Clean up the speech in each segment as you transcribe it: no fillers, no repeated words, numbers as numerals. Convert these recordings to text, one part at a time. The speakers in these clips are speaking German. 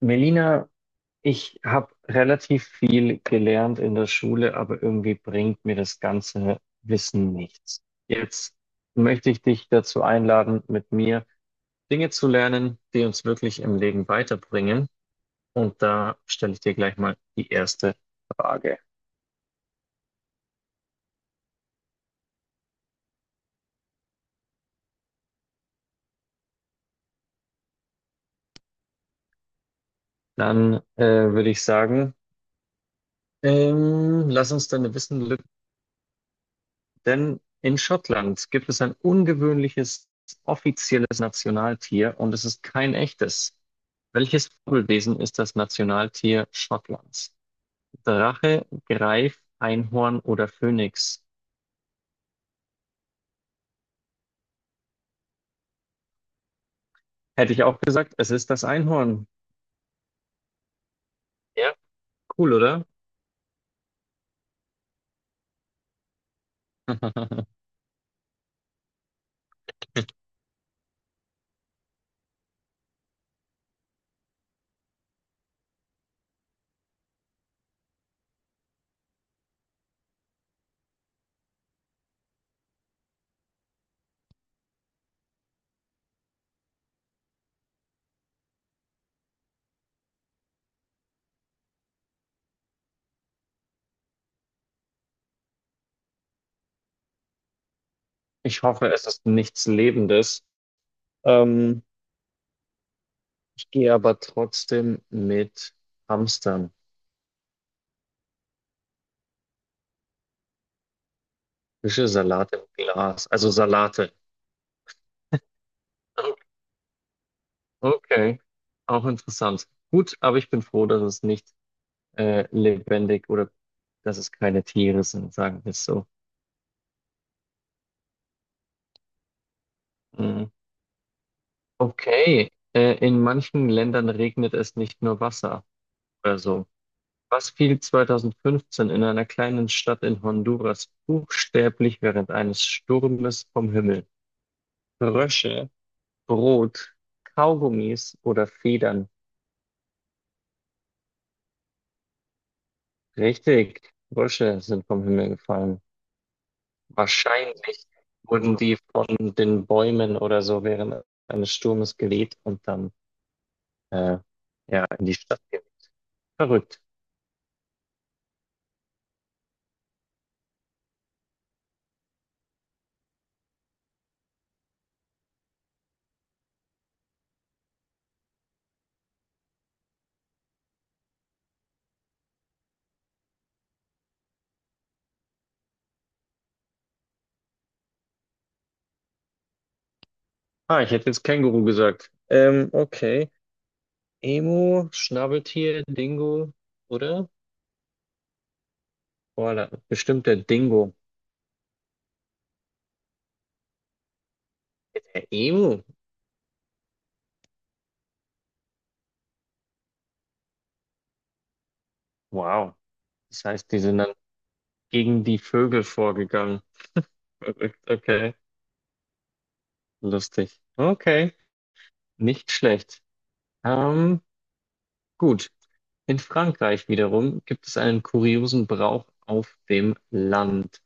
Melina, ich habe relativ viel gelernt in der Schule, aber irgendwie bringt mir das ganze Wissen nichts. Jetzt möchte ich dich dazu einladen, mit mir Dinge zu lernen, die uns wirklich im Leben weiterbringen. Und da stelle ich dir gleich mal die erste Frage. Dann würde ich sagen, lass uns deine Wissenslücke denn in Schottland gibt es ein ungewöhnliches offizielles Nationaltier und es ist kein echtes. Welches Fabelwesen ist das Nationaltier Schottlands? Drache, Greif, Einhorn oder Phönix? Hätte ich auch gesagt, es ist das Einhorn. Ja, cool, oder? Ich hoffe, es ist nichts Lebendes. Ähm, ich gehe aber trotzdem mit Hamstern. Fische, Salat im Glas. Also Salate. Okay, auch interessant. Gut, aber ich bin froh, dass es nicht lebendig oder dass es keine Tiere sind, sagen wir es so. Mm. Okay, in manchen Ländern regnet es nicht nur Wasser oder so. Was fiel 2015 in einer kleinen Stadt in Honduras buchstäblich während eines Sturmes vom Himmel? Frösche, Brot, Kaugummis oder Federn? Richtig, Frösche sind vom Himmel gefallen. Wahrscheinlich wurden die von den Bäumen oder so während eines Sturmes geweht und dann äh, ja in die Stadt geweht. Verrückt. Ah, ich hätte jetzt Känguru gesagt. Okay. Emu, Schnabeltier, Dingo, oder? Boah, da, bestimmt der Dingo. Der Emu. Wow. Das heißt, die sind dann gegen die Vögel vorgegangen. Verrückt. Okay. Lustig. Okay. Nicht schlecht. Ähm, gut. In Frankreich wiederum gibt es einen kuriosen Brauch auf dem Land.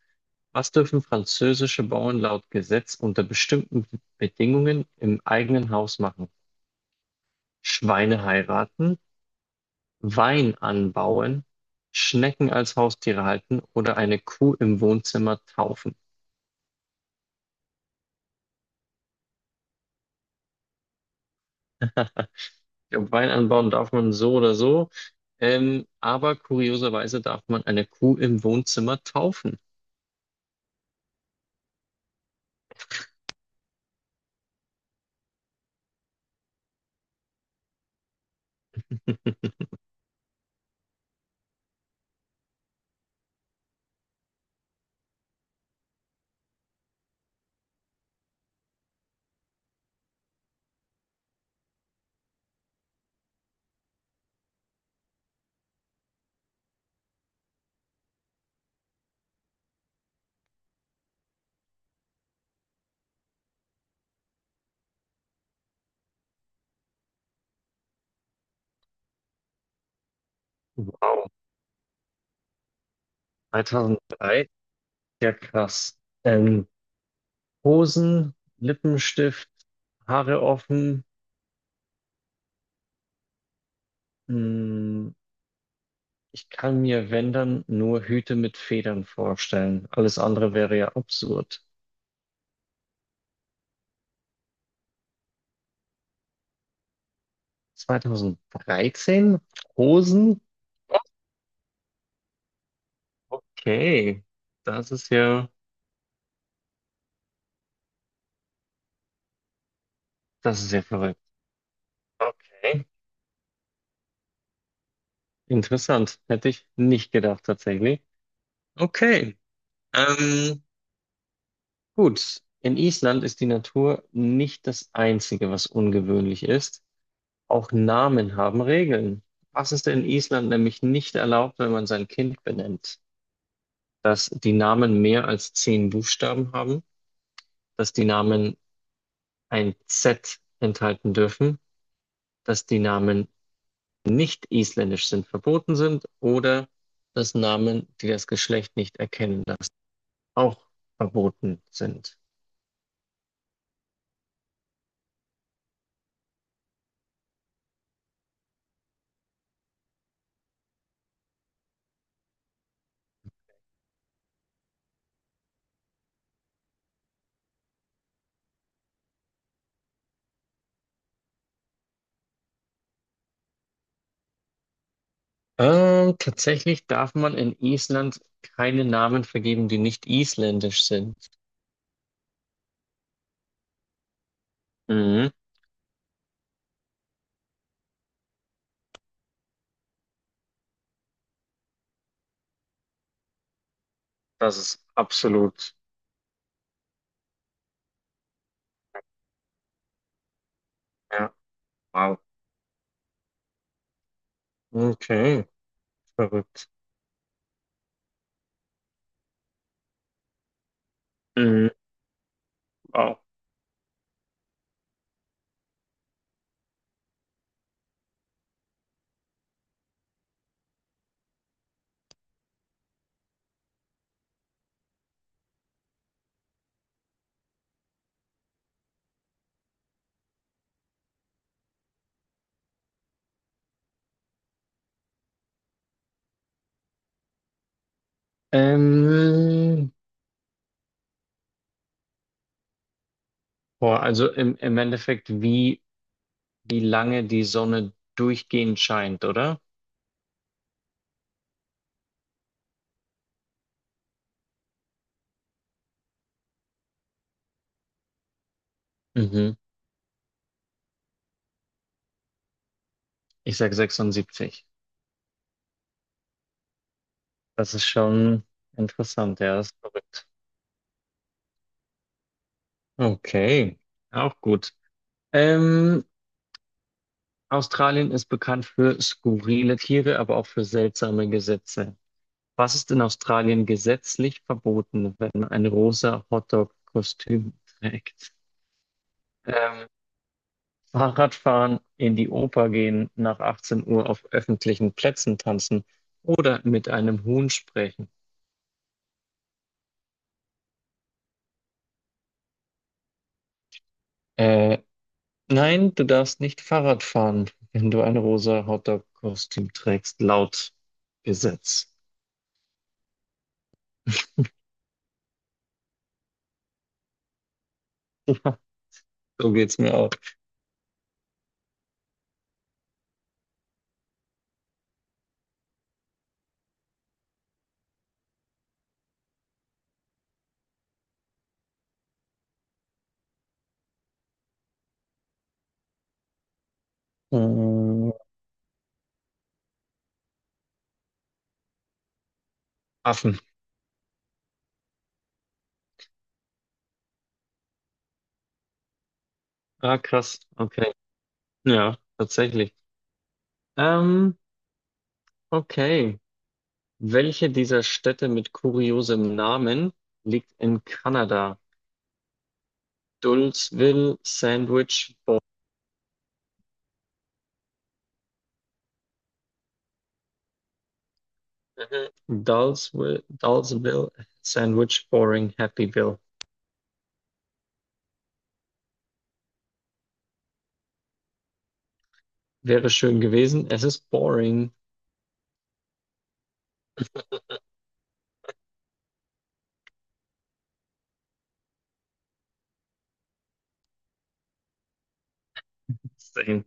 Was dürfen französische Bauern laut Gesetz unter bestimmten Bedingungen im eigenen Haus machen? Schweine heiraten, Wein anbauen, Schnecken als Haustiere halten oder eine Kuh im Wohnzimmer taufen. Ich glaube, Wein anbauen darf man so oder so, aber kurioserweise darf man eine Kuh im Wohnzimmer taufen. Wow, 2003, ja krass. Ähm, Hosen, Lippenstift, Haare offen. Hm, ich kann mir, wenn dann, nur Hüte mit Federn vorstellen. Alles andere wäre ja absurd. 2013? Hosen? Okay. Das ist ja, das ist ja verrückt. Okay. Interessant. Hätte ich nicht gedacht, tatsächlich. Okay. Ähm, gut. In Island ist die Natur nicht das Einzige, was ungewöhnlich ist. Auch Namen haben Regeln. Was ist in Island nämlich nicht erlaubt, wenn man sein Kind benennt? Dass die Namen mehr als 10 Buchstaben haben, dass die Namen ein Z enthalten dürfen, dass die Namen nicht isländisch sind, verboten sind oder dass Namen, die das Geschlecht nicht erkennen lassen, auch verboten sind. Tatsächlich darf man in Island keine Namen vergeben, die nicht isländisch sind. Mhm. Das ist absolut. Ja. Wow. Okay, verrückt. Mhm. Wow. Ähm, boah, also im Endeffekt, wie lange die Sonne durchgehend scheint, oder? Mhm. Ich sag 76. Das ist schon interessant, ja, das ist verrückt. Okay, auch gut. Ähm, Australien ist bekannt für skurrile Tiere, aber auch für seltsame Gesetze. Was ist in Australien gesetzlich verboten, wenn ein rosa Hotdog-Kostüm trägt? Ähm, Fahrradfahren, in die Oper gehen, nach 18 Uhr auf öffentlichen Plätzen tanzen oder mit einem Huhn sprechen. Äh, nein, du darfst nicht Fahrrad fahren, wenn du ein rosa Hotdog-Kostüm trägst, laut Gesetz. So geht's mir auch. Mm, Affen. Ah, krass. Okay. Ja, tatsächlich. Ähm, okay. Welche dieser Städte mit kuriosem Namen liegt in Kanada? Dulsville, Sandwich, Dulceville Sandwich Boring Happyville. Wäre schön gewesen. Es ist boring. Same.